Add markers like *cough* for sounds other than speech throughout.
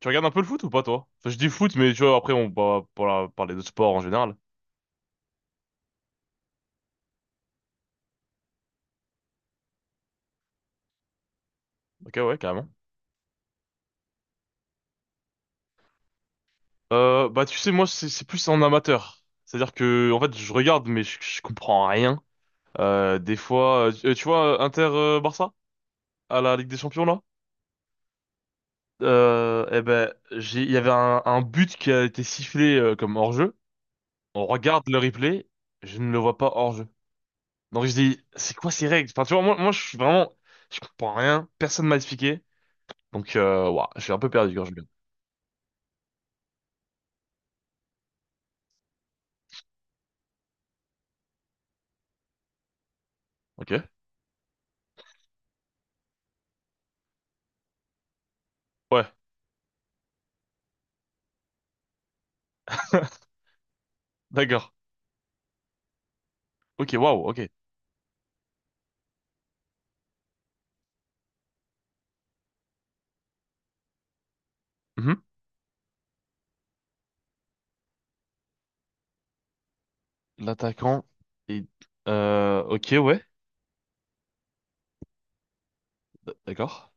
Tu regardes un peu le foot ou pas, toi? Enfin, je dis foot, mais tu vois, après, on va parler de sport en général. Ok, ouais, carrément. Bah, tu sais, moi, c'est plus en amateur. C'est-à-dire que, en fait, je regarde, mais je comprends rien. Des fois, tu vois, Inter-Barça, à la Ligue des Champions, là? Eh ben, il y avait un but qui a été sifflé, comme hors-jeu. On regarde le replay, je ne le vois pas hors-jeu. Donc, je dis, c'est quoi ces règles? Enfin, tu vois, moi, je suis vraiment, je comprends rien, personne m'a expliqué. Donc, ouah, je suis un peu perdu quand je regarde. Ok. Ouais. *laughs* D'accord. Ok, waouh, ok. Mhm. L'attaquant est... Ok, ouais. D'accord.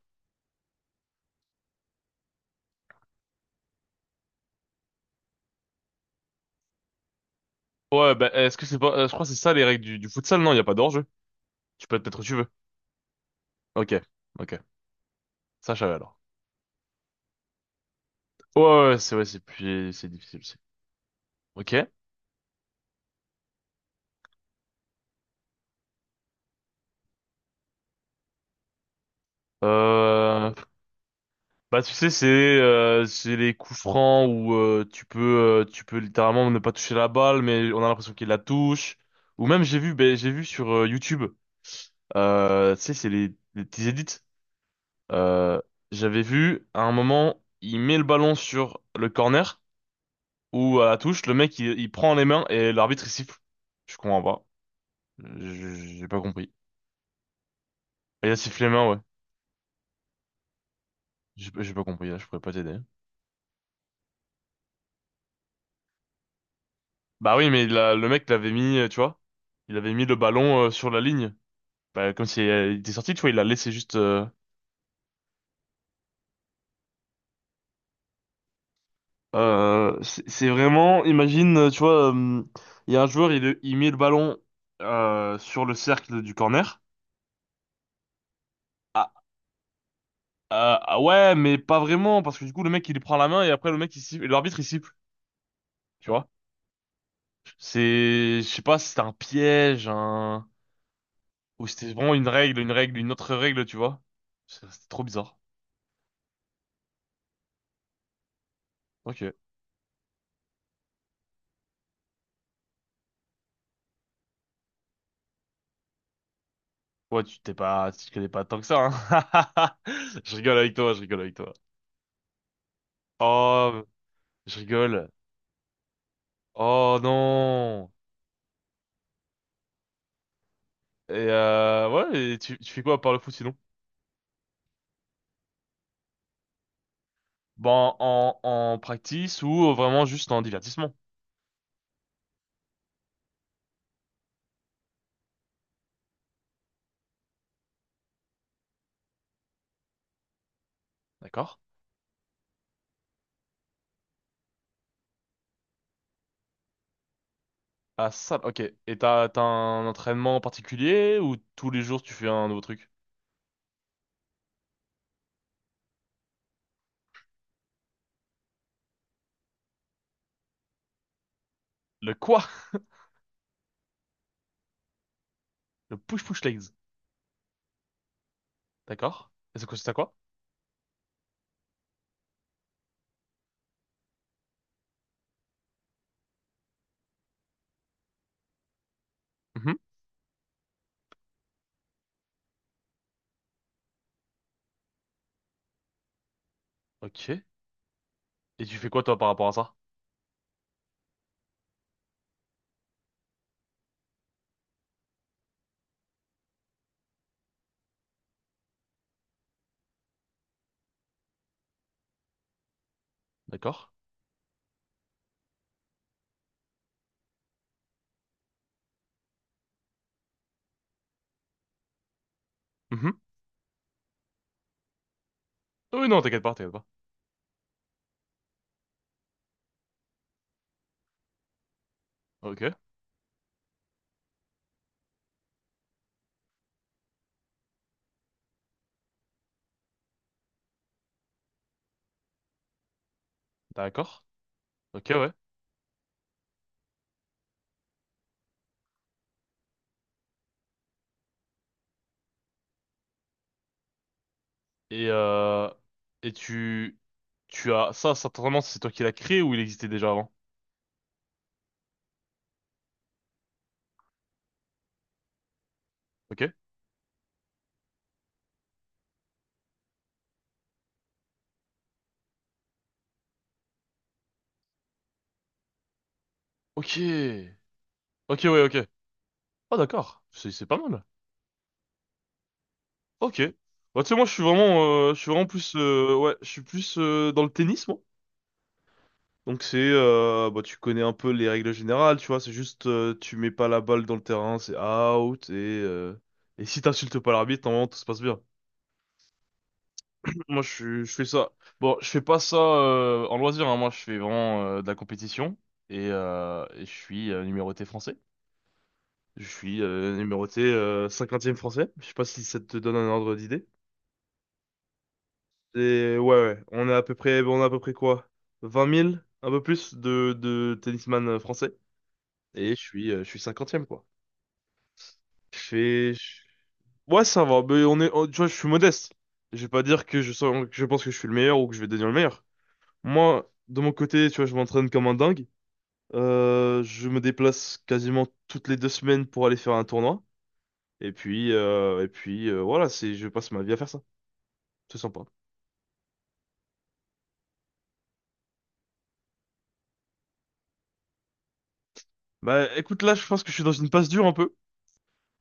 Ouais, bah, est-ce que c'est pas... je crois que c'est ça les règles du futsal, non? Il n'y a pas d'hors-jeu. Tu peux te mettre où tu veux. Ok, ok. Ça, je savais alors. Ouais, ouais, ouais, c'est plus... c'est difficile aussi. Ok. Euh... Bah, tu sais, c'est les coups francs où tu peux littéralement ne pas toucher la balle, mais on a l'impression qu'il la touche. Ou même, ben j'ai vu sur YouTube, tu sais, c'est les petits edits. Euh, J'avais vu à un moment, il met le ballon sur le corner ou à la touche, le mec il prend les mains et l'arbitre il siffle. Je comprends pas. Je- J'ai pas compris. Il a sifflé les mains, ouais. J'ai pas compris, là, je pourrais pas t'aider. Bah oui, mais le mec l'avait mis, tu vois, il avait mis le ballon, sur la ligne. Bah, comme si, il était sorti, tu vois, il l'a laissé juste. C'est vraiment, imagine, tu vois, il y a un joueur, il met le ballon, sur le cercle du corner. Ah, ah ouais, mais pas vraiment, parce que du coup, le mec, il lui prend la main et après, le mec, il siffle, et l'arbitre, il siffle, tu vois. C'est, je sais pas, si c'était un piège, un... ou si c'était vraiment une règle, une autre règle, tu vois. C'était trop bizarre. Ok. Ouais, tu te connais pas tant que ça, hein. *laughs* Je rigole avec toi, je rigole avec toi. Oh, je rigole. Oh non. Et, ouais, et tu fais quoi par le foot sinon? Bon, en practice ou vraiment juste en divertissement, d'accord? Ah, ça, ok. Et t'as un entraînement particulier ou tous les jours tu fais un nouveau truc? Le quoi? Le push-push legs. D'accord. Et ça consiste à quoi? Mhm. Ok. Et tu fais quoi toi par rapport à ça? D'accord. Mhm. Oui, non, t'inquiète pas, t'inquiète pas. Ok. D'accord. Ok, ouais. Et euh... Et tu... Tu as... Ça, cet entraînement, c'est toi qui l'as créé ou il existait déjà avant? Ok. Ok. Ok, ouais, ok. Ah, d'accord. C'est pas mal. Ok. Bah, tu sais, moi, je suis vraiment... je suis vraiment plus... ouais, je suis plus dans le tennis, moi. Donc bah, tu connais un peu les règles générales, tu vois, c'est juste, tu mets pas la balle dans le terrain, c'est out, euh, et si t'insultes pas l'arbitre, normalement tout se passe bien. Moi je fais ça. Bon, je fais pas ça, en loisir, hein. Moi je fais vraiment, de la compétition, et je suis, numéroté français. Je suis, numéroté, 50 français, je sais pas si ça te donne un ordre d'idée. Et ouais, ouais, on est à peu près quoi? 20 000 un peu plus de tennisman français, et je suis cinquantième quoi. Je fais... je- Ouais, ça va. Mais tu vois, je suis modeste. Je vais pas dire que que je pense que je suis le meilleur ou que je vais devenir le meilleur. Moi, de mon côté, tu vois, je m'entraîne comme un dingue. Je me déplace quasiment toutes les deux semaines pour aller faire un tournoi. Et puis, voilà, c'est... je passe ma vie à faire ça. C'est sympa. Bah écoute, là, je pense que je suis dans une passe dure un peu.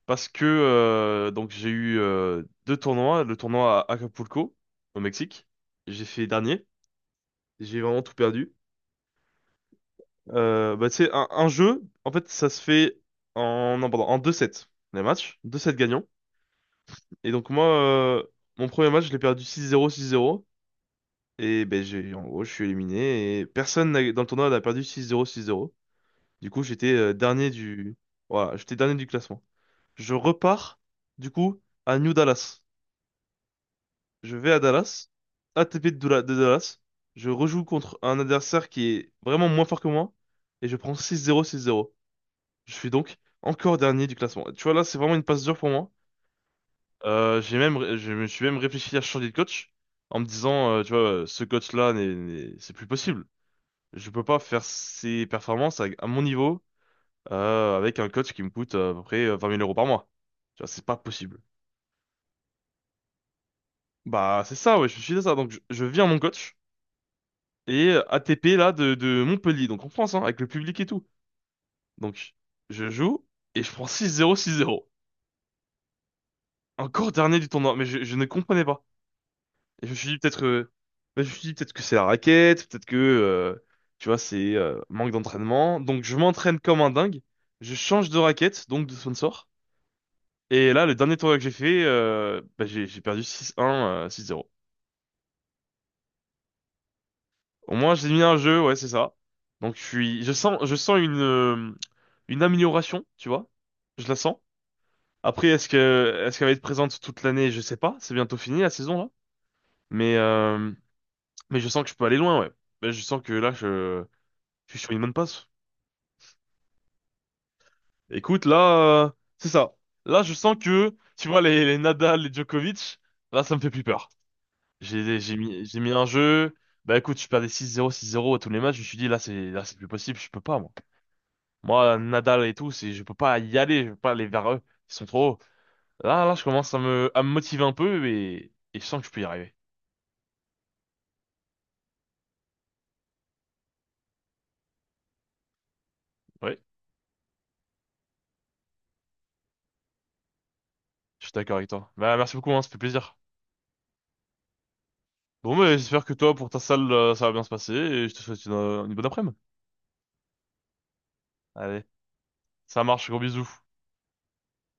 Parce que, donc j'ai eu, deux tournois. Le tournoi à Acapulco, au Mexique. J'ai fait dernier. J'ai vraiment tout perdu. Bah, tu sais, un jeu, en fait, ça se fait non, pardon, en deux sets les matchs. Deux sets gagnants. Et donc, moi, mon premier match, je l'ai perdu 6-0, 6-0. Et ben, en gros, je suis éliminé. Et personne dans le tournoi n'a perdu 6-0, 6-0. Du coup, j'étais, dernier voilà, j'étais dernier du classement. Je repars, du coup, à New Dallas. Je vais à Dallas, ATP de Dallas. Je rejoue contre un adversaire qui est vraiment moins fort que moi. Et je prends 6-0, 6-0. Je suis donc encore dernier du classement. Tu vois, là, c'est vraiment une passe dure pour moi. Je me suis même réfléchi à changer de coach en me disant, tu vois, ce coach-là, c'est plus possible. Je peux pas faire ses performances à mon niveau, avec un coach qui me coûte, à peu près, 20 000 euros par mois. Tu vois, c'est pas possible. Bah, c'est ça, ouais, je suis de ça. Donc, je viens mon coach et ATP, là, de Montpellier, donc en France, hein, avec le public et tout. Donc, je joue et je prends 6-0, 6-0. Encore dernier du tournoi, mais je ne comprenais pas. Et je me suis dit peut-être que c'est la raquette, peut-être que, tu vois, c'est manque d'entraînement. Donc je m'entraîne comme un dingue. Je change de raquette, donc de sponsor. Et là, le dernier tournoi que j'ai fait, bah, j'ai perdu 6-1 , 6-0. Au moins, j'ai mis un jeu, ouais, c'est ça. Donc je sens une amélioration, tu vois. Je la sens. Après, est-ce qu'elle va être présente toute l'année? Je sais pas. C'est bientôt fini la saison là. Mais, euh, mais je sens que je peux aller loin, ouais. Mais je sens que là, je suis sur une bonne passe. Écoute, là, c'est ça. Là, je sens que, tu vois, les Nadal, les Djokovic, là, ça me fait plus peur. J'ai mis un jeu. Bah écoute, je perdais 6-0, 6-0 à tous les matchs. Je me suis dit, là, c'est plus possible. Je peux pas, moi. Moi, Nadal et tout, je peux pas y aller. Je peux pas aller vers eux. Ils sont trop hauts. Là, je commence à me motiver un peu et je sens que je peux y arriver. Ouais, je suis d'accord avec toi. Bah, merci beaucoup, hein, ça fait plaisir. Bon, mais j'espère que toi, pour ta salle, ça va bien se passer et je te souhaite une bonne après-midi. Allez, ça marche, gros bisous.